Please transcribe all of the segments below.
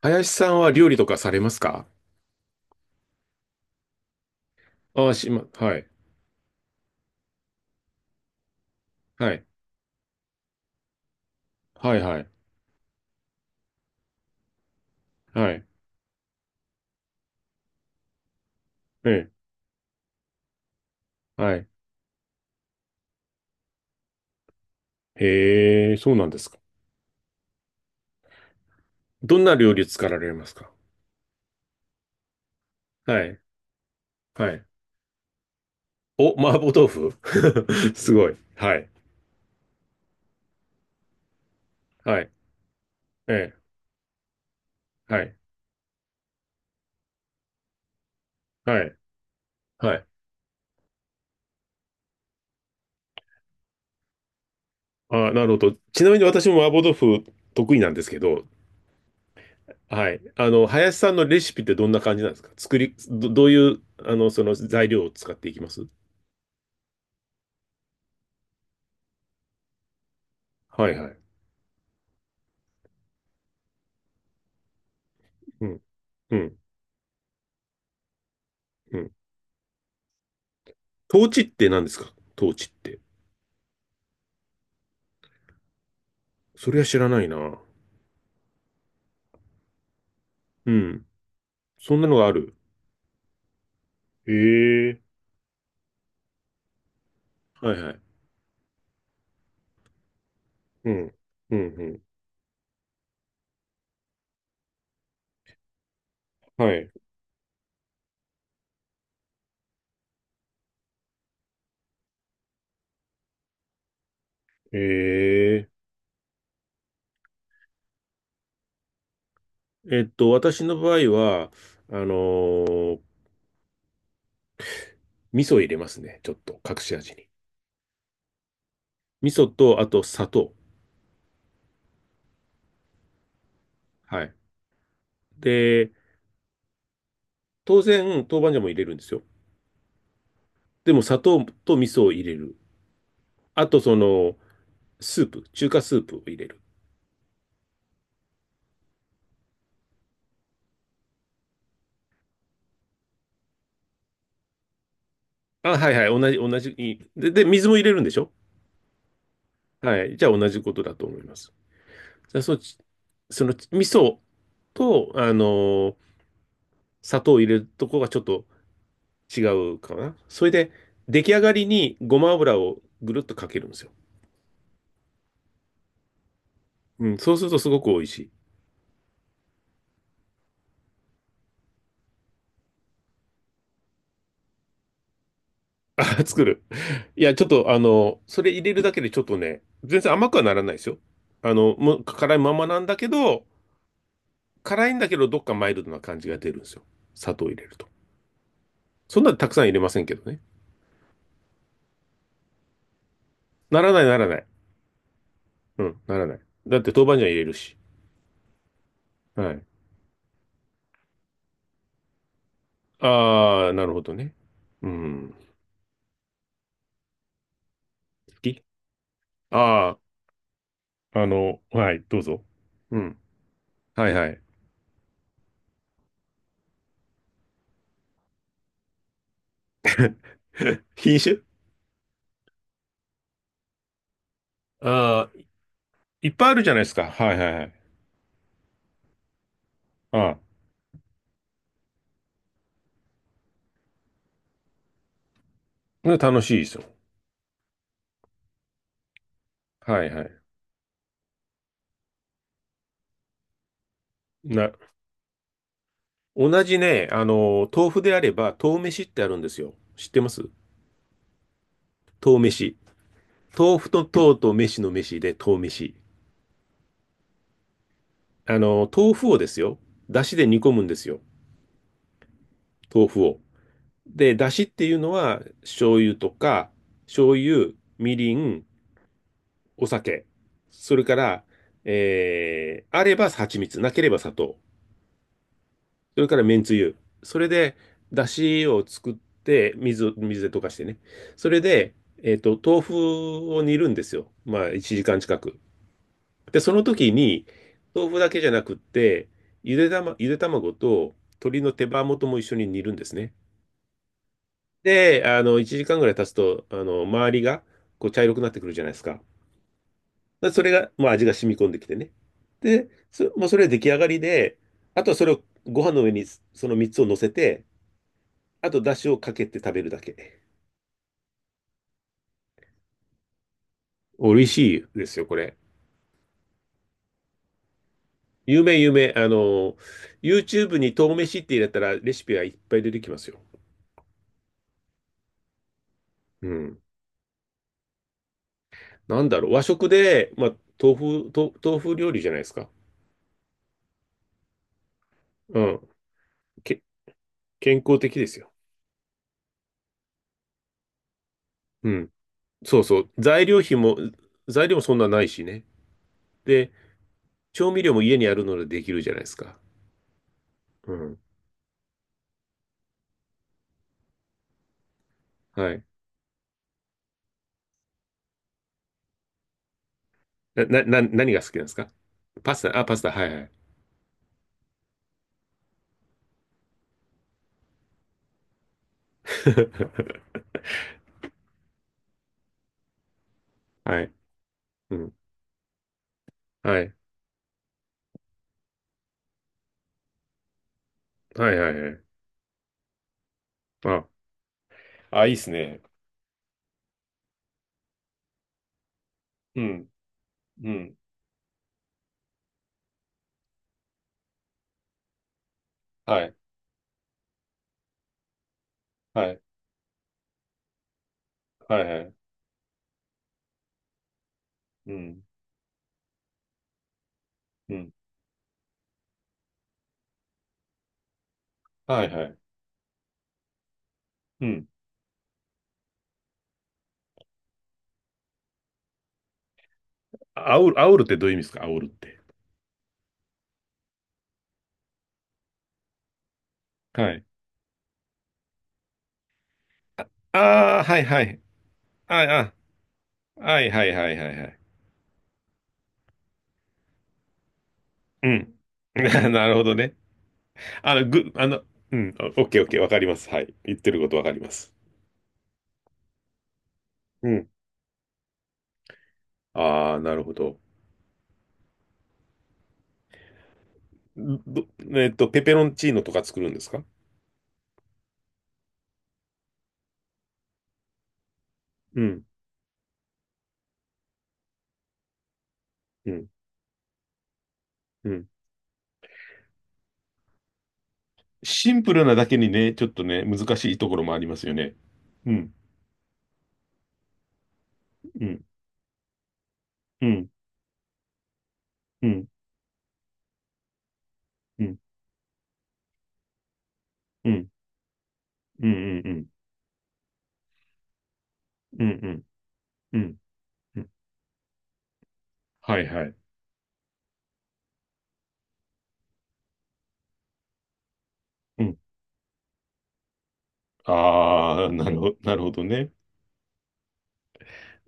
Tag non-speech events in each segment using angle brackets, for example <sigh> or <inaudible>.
林さんは料理とかされますか？ああ、はい。はい。はい、はい。はい。ええ、はい。へえ、そうなんですか。どんな料理作られますか？はい。はい。お、麻婆豆腐。 <laughs> すごい。はい。はい。ええ、はい。はい。はい。あ、なるほど。ちなみに私も麻婆豆腐得意なんですけど、はい。林さんのレシピってどんな感じなんですか？どういう、その材料を使っていきますはい、はい。うん、うん、うん。統治って何ですか？統治って。それは知らないな。うん。そんなのがある？ええ、はいはい。うん。うんうん。はい。ええ私の場合は、あのー味噌入れますね。ちょっと、隠し味に。味噌と、あと砂糖。はい。で、当然、豆板醤も入れるんですよ。でも、砂糖と味噌を入れる。あと、スープ、中華スープを入れる。あ、はいはい、同じ、同じ。で、水も入れるんでしょ？はい。じゃあ同じことだと思います。じゃあそのち、その味噌と、ー砂糖を入れるとこがちょっと違うかな。それで、出来上がりにごま油をぐるっとかけるんですよ。うん、そうするとすごく美味しい。あ、<laughs> 作る。いや、ちょっと、それ入れるだけでちょっとね、全然甘くはならないですよ。もう辛いままなんだけど、辛いんだけど、どっかマイルドな感じが出るんですよ。砂糖入れると。そんなにたくさん入れませんけどね。ならない、ならない。うん、ならない。だって豆板醤入れるし。はい。ああ、なるほどね。うん。好き。ああー、はい、どうぞ。うん。はいはい。<laughs> 品種。ああー、いっぱいあるじゃないですか。はいはいはい。ああ、楽しいですよ。はいはい。な、同じね、豆腐であれば、豆飯ってあるんですよ。知ってます？豆飯。豆腐と豆と飯の飯で豆飯。豆腐をですよ。だしで煮込むんですよ。豆腐を。で、出汁っていうのは、醤油とか、醤油、みりん、お酒。それから、あれば蜂蜜、なければ砂糖。それからめんつゆ。それで、出汁を作って、水で溶かしてね。それで、豆腐を煮るんですよ。まあ、1時間近く。で、その時に、豆腐だけじゃなくって、ゆで卵と鶏の手羽元も一緒に煮るんですね。で、1時間ぐらい経つと、周りが、こう、茶色くなってくるじゃないですか。でそれが、まあ、味が染み込んできてね。で、もうそれは出来上がりで、あとはそれをご飯の上にその3つを乗せて、あと出汁をかけて食べるだけ。美味しいですよ、これ。有名、有名。YouTube に豆飯って入れたらレシピはいっぱい出てきますよ。うん。なんだろう、和食で、まあ、豆豆腐料理じゃないですか。うん。け、健康的ですよ。うん。そうそう、材料もそんなないしね。で、調味料も家にあるのでできるじゃないですか。うん。はい。な、な、な何が好きなんですか？パスタ、あ、パスタ、はいはい。<laughs> はい。うん。はい。はいはいはい。あ、あ、いいっすね。うん。うん。はい。はい。はいはい。うん。うん。はいはい。うん。あおるってどういう意味ですか？あおるって。はい。ああ、はいはい。ああ、はいはいはいはいはい。うん。<laughs> なるほどね。あの、ぐ、あの、うん、オッケーオッケー、わかります。はい。言ってることわかります。うん。ああ、なるほど。ど、ペペロンチーノとか作るんですか？うん、うん、うん。シンプルなだけにね、ちょっとね、難しいところもありますよね。うん、うん、うん、うん、うん、うん、うん、うん、うん、うん、うん、うん。うん、はいはい。うん。ああ、なるほど、なるほどね。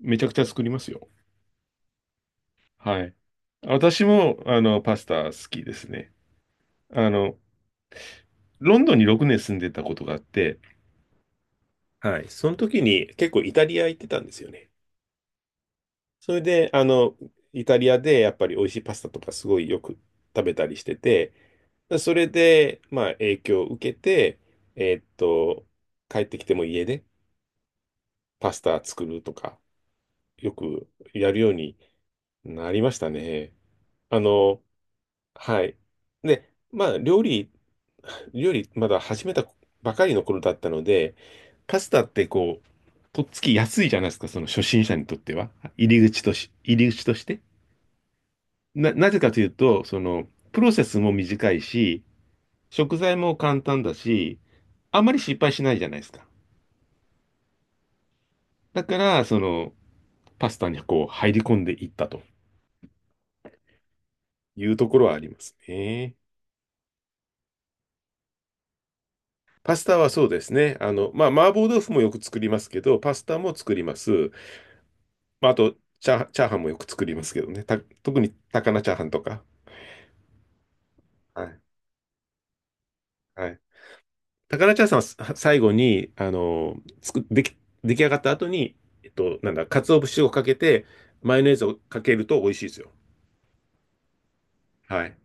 めちゃくちゃ作りますよ。はい。私も、パスタ好きですね。あの、ロンドンに6年住んでたことがあって、はい。その時に結構イタリア行ってたんですよね。それで、イタリアでやっぱり美味しいパスタとかすごいよく食べたりしてて、それで、まあ影響を受けて、えーっと、帰ってきても家でパスタ作るとか、よくやるようになりましたね。あの、はい。で、まあ、料理、まだ始めたばかりの頃だったので、パスタってこう、とっつきやすいじゃないですか、その初心者にとっては。入り口として。なぜかというと、その、プロセスも短いし、食材も簡単だし、あまり失敗しないじゃないですか。だから、その、パスタにこう、入り込んでいったというところはありますね。パスタはそうですね。まあ、麻婆豆腐もよく作りますけど、パスタも作ります。まあ、あと、チャーハンもよく作りますけどね。特に高菜チャーハンとか。はい。はい。高菜チャーハンはさ最後に、作でき、出来上がった後に、なんだ、鰹節をかけて、マヨネーズをかけると美味しいですよ。はい。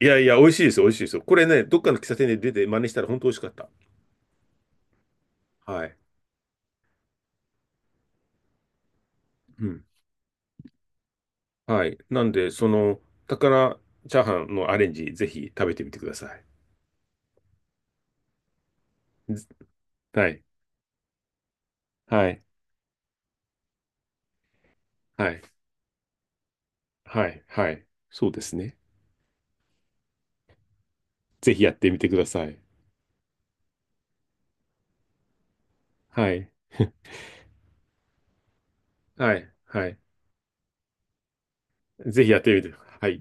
いやいや、美味しいですよ、美味しいですよ。これね、どっかの喫茶店で出て真似したら本当美味しかった。はい。うん。はい。なんで、その、高菜チャーハンのアレンジ、ぜひ食べてみてください。ずはい。はい。はい。はい。はい。そうですね。ぜひやってみてください。はい。はい。はい。ぜひやってみて。はい。